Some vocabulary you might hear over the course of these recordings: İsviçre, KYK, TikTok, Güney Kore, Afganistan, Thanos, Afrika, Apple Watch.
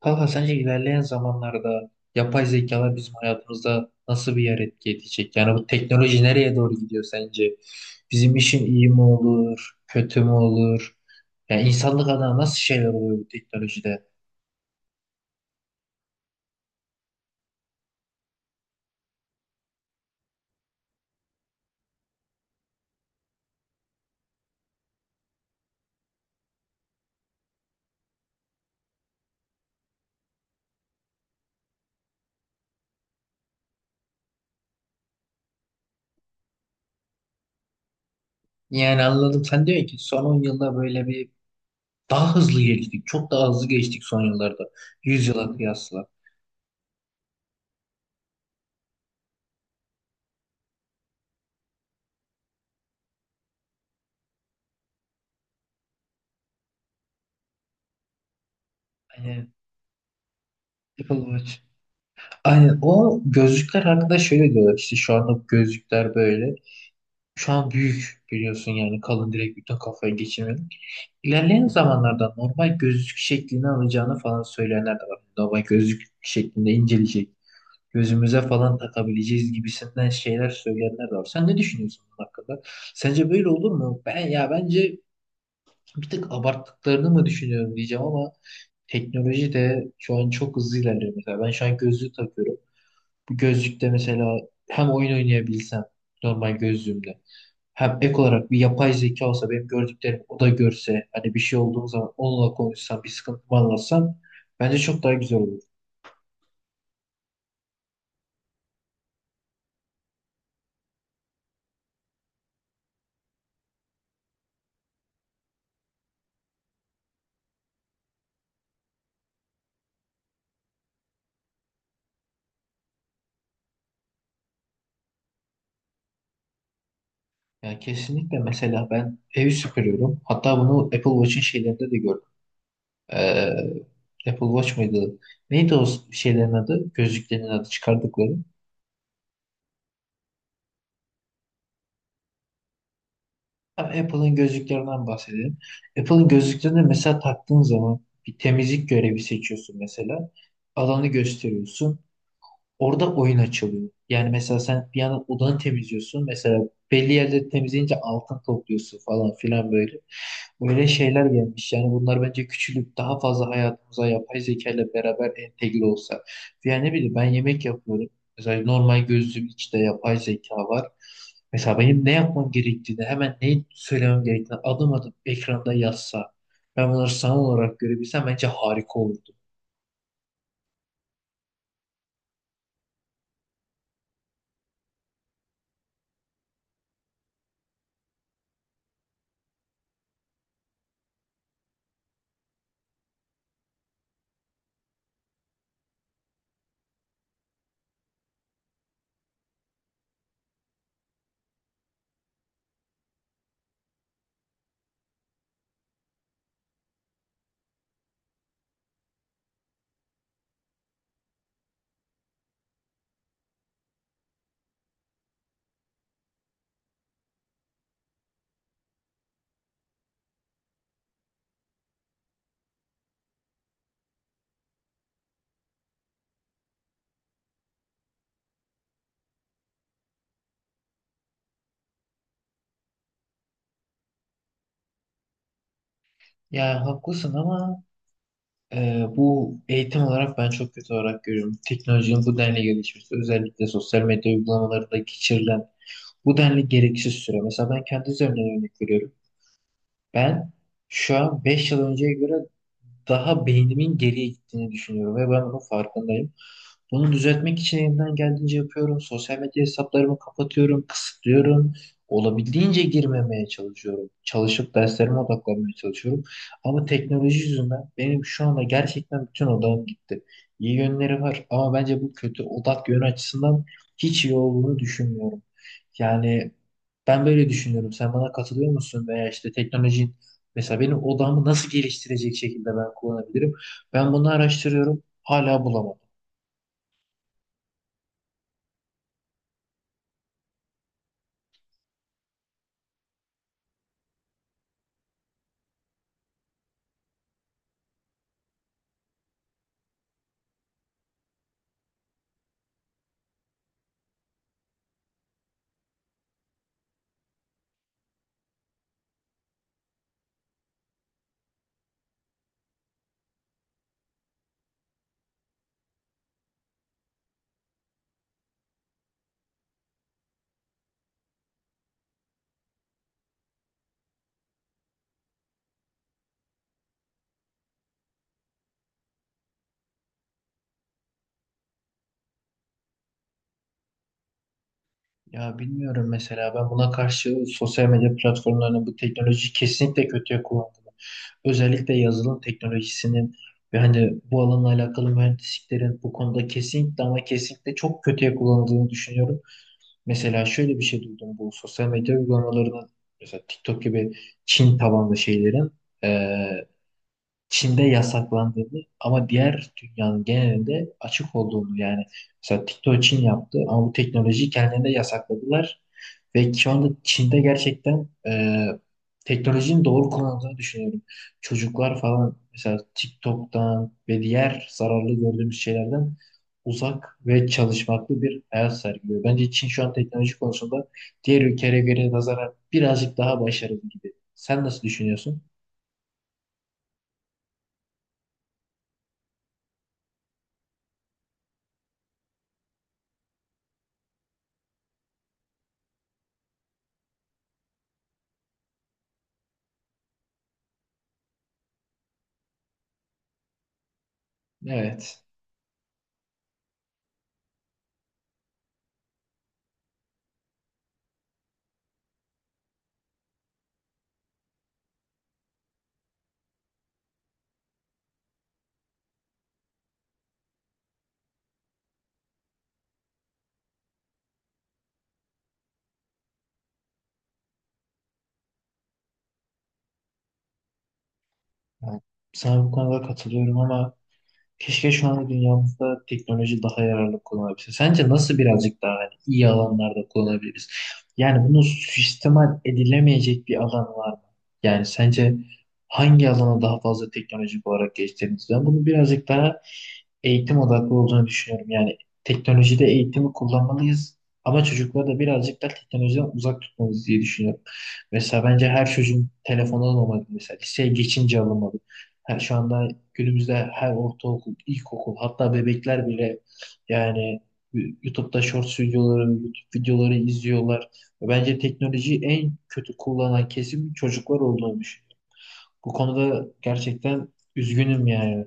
Kanka sence ilerleyen zamanlarda yapay zekalar bizim hayatımızda nasıl bir yer etki edecek? Yani bu teknoloji nereye doğru gidiyor sence? Bizim işim iyi mi olur, kötü mü olur? Yani insanlık adına nasıl şeyler oluyor bu teknolojide? Yani anladım, sen diyorsun ki son 10 yılda böyle bir daha hızlı geliştik. Çok daha hızlı geçtik son yıllarda. 100 yıla kıyasla. Yani Apple Watch. Aynen, o gözlükler hakkında şöyle diyorlar: İşte şu anda bu gözlükler böyle. Şu an büyük biliyorsun, yani kalın, direkt bütün kafayı geçirmedik. İlerleyen zamanlarda normal gözlük şeklini alacağını falan söyleyenler de var. Normal gözlük şeklinde inceleyecek. Gözümüze falan takabileceğiz gibisinden şeyler söyleyenler de var. Sen ne düşünüyorsun bunun hakkında? Sence böyle olur mu? Ben, ya bence bir tık abarttıklarını mı düşünüyorum diyeceğim ama teknoloji de şu an çok hızlı ilerliyor. Mesela ben şu an gözlüğü takıyorum. Bu gözlükte mesela hem oyun oynayabilsem normal gözlüğümle, hem ek olarak bir yapay zeka olsa, benim gördüklerimi o da görse, hani bir şey olduğu zaman onunla konuşsam, bir sıkıntımı anlatsam bence çok daha güzel olur. Yani kesinlikle. Mesela ben evi süpürüyorum. Hatta bunu Apple Watch'in şeylerinde de gördüm. Apple Watch mıydı? Neydi o şeylerin adı? Gözlüklerin adı çıkardıkları. Ha, Apple'ın gözlüklerinden bahsedelim. Apple'ın gözlüklerini mesela taktığın zaman bir temizlik görevi seçiyorsun mesela. Alanı gösteriyorsun. Orada oyun açılıyor. Yani mesela sen bir yandan odanı temizliyorsun. Mesela belli yerleri temizleyince altın topluyorsun falan filan böyle. Böyle şeyler gelmiş. Yani bunlar bence küçülüp daha fazla hayatımıza yapay zeka ile beraber entegre olsa. Yani ne bileyim, ben yemek yapıyorum. Mesela normal gözlüğün içinde yapay zeka var. Mesela benim ne yapmam gerektiğini, hemen neyi söylemem gerektiğini adım adım ekranda yazsa, ben bunları sanal olarak görebilsem bence harika olurdu. Ya haklısın ama bu eğitim olarak ben çok kötü olarak görüyorum. Teknolojinin bu denli gelişmesi, özellikle sosyal medya uygulamalarında geçirilen bu denli gereksiz süre. Mesela ben kendi üzerimden örnek veriyorum. Ben şu an 5 yıl önceye göre daha beynimin geriye gittiğini düşünüyorum ve ben bunun farkındayım. Bunu düzeltmek için elimden geldiğince yapıyorum. Sosyal medya hesaplarımı kapatıyorum, kısıtlıyorum. Olabildiğince girmemeye çalışıyorum. Çalışıp derslerime odaklanmaya çalışıyorum. Ama teknoloji yüzünden benim şu anda gerçekten bütün odağım gitti. İyi yönleri var ama bence bu kötü odak yönü açısından hiç iyi olduğunu düşünmüyorum. Yani ben böyle düşünüyorum. Sen bana katılıyor musun? Veya işte teknolojinin mesela benim odamı nasıl geliştirecek şekilde ben kullanabilirim? Ben bunu araştırıyorum. Hala bulamam. Ya bilmiyorum, mesela ben buna karşı sosyal medya platformlarının bu teknolojiyi kesinlikle kötüye kullandığını, özellikle yazılım teknolojisinin ve hani bu alanla alakalı mühendisliklerin bu konuda kesinlikle ama kesinlikle çok kötüye kullanıldığını düşünüyorum. Mesela şöyle bir şey duydum, bu sosyal medya uygulamalarının, mesela TikTok gibi Çin tabanlı şeylerin, eee, Çin'de yasaklandığını ama diğer dünyanın genelinde açık olduğunu. Yani mesela TikTok Çin yaptı ama bu teknolojiyi kendilerine yasakladılar. Ve şu anda Çin'de gerçekten teknolojinin doğru kullanıldığını düşünüyorum. Çocuklar falan mesela TikTok'tan ve diğer zararlı gördüğümüz şeylerden uzak ve çalışmaklı bir hayat sergiliyor. Bence Çin şu an teknoloji konusunda diğer ülkelere göre nazaran birazcık daha başarılı gibi. Sen nasıl düşünüyorsun? Evet. Yani sana bu konuda katılıyorum ama keşke şu anda dünyamızda teknoloji daha yararlı kullanabilse. Sence nasıl birazcık daha hani iyi alanlarda kullanabiliriz? Yani bunu suistimal edilemeyecek bir alan var mı? Yani sence hangi alana daha fazla teknolojik olarak geçtiğimiz? Ben bunu birazcık daha eğitim odaklı olduğunu düşünüyorum. Yani teknolojide eğitimi kullanmalıyız ama çocukları da birazcık da teknolojiden uzak tutmalıyız diye düşünüyorum. Mesela bence her çocuğun telefonu alınmalı. Mesela liseye geçince alınmalı. Her, şu anda günümüzde her ortaokul, ilkokul, hatta bebekler bile, yani YouTube'da shorts videoları, YouTube videoları izliyorlar. Bence teknolojiyi en kötü kullanan kesim çocuklar olduğunu düşünüyorum. Bu konuda gerçekten üzgünüm yani.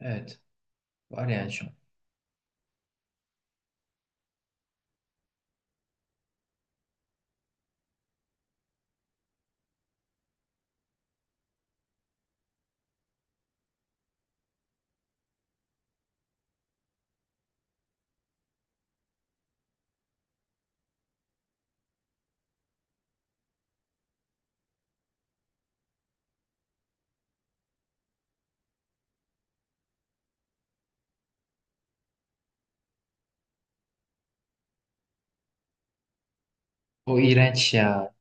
Evet. Var yani şu. O iğrenç ya.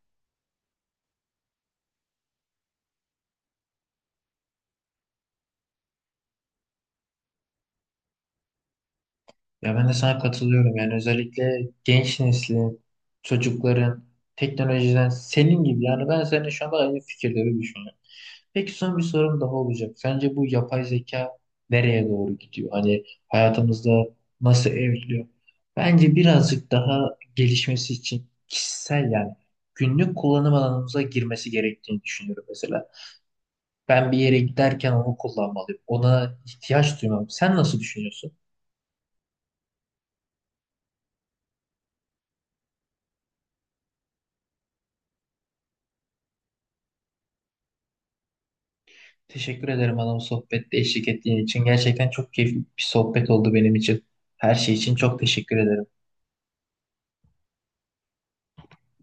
Ya ben de sana katılıyorum. Yani özellikle genç neslin, çocukların teknolojiden, senin gibi yani, ben seninle şu anda aynı fikirleri düşünüyorum. Peki son bir sorum daha olacak. Sence bu yapay zeka nereye doğru gidiyor? Hani hayatımızda nasıl evriliyor? Bence birazcık daha gelişmesi için kişisel yani günlük kullanım alanımıza girmesi gerektiğini düşünüyorum mesela. Ben bir yere giderken onu kullanmalıyım. Ona ihtiyaç duymam. Sen nasıl düşünüyorsun? Teşekkür ederim bana bu sohbette eşlik ettiğin için. Gerçekten çok keyifli bir sohbet oldu benim için. Her şey için çok teşekkür ederim.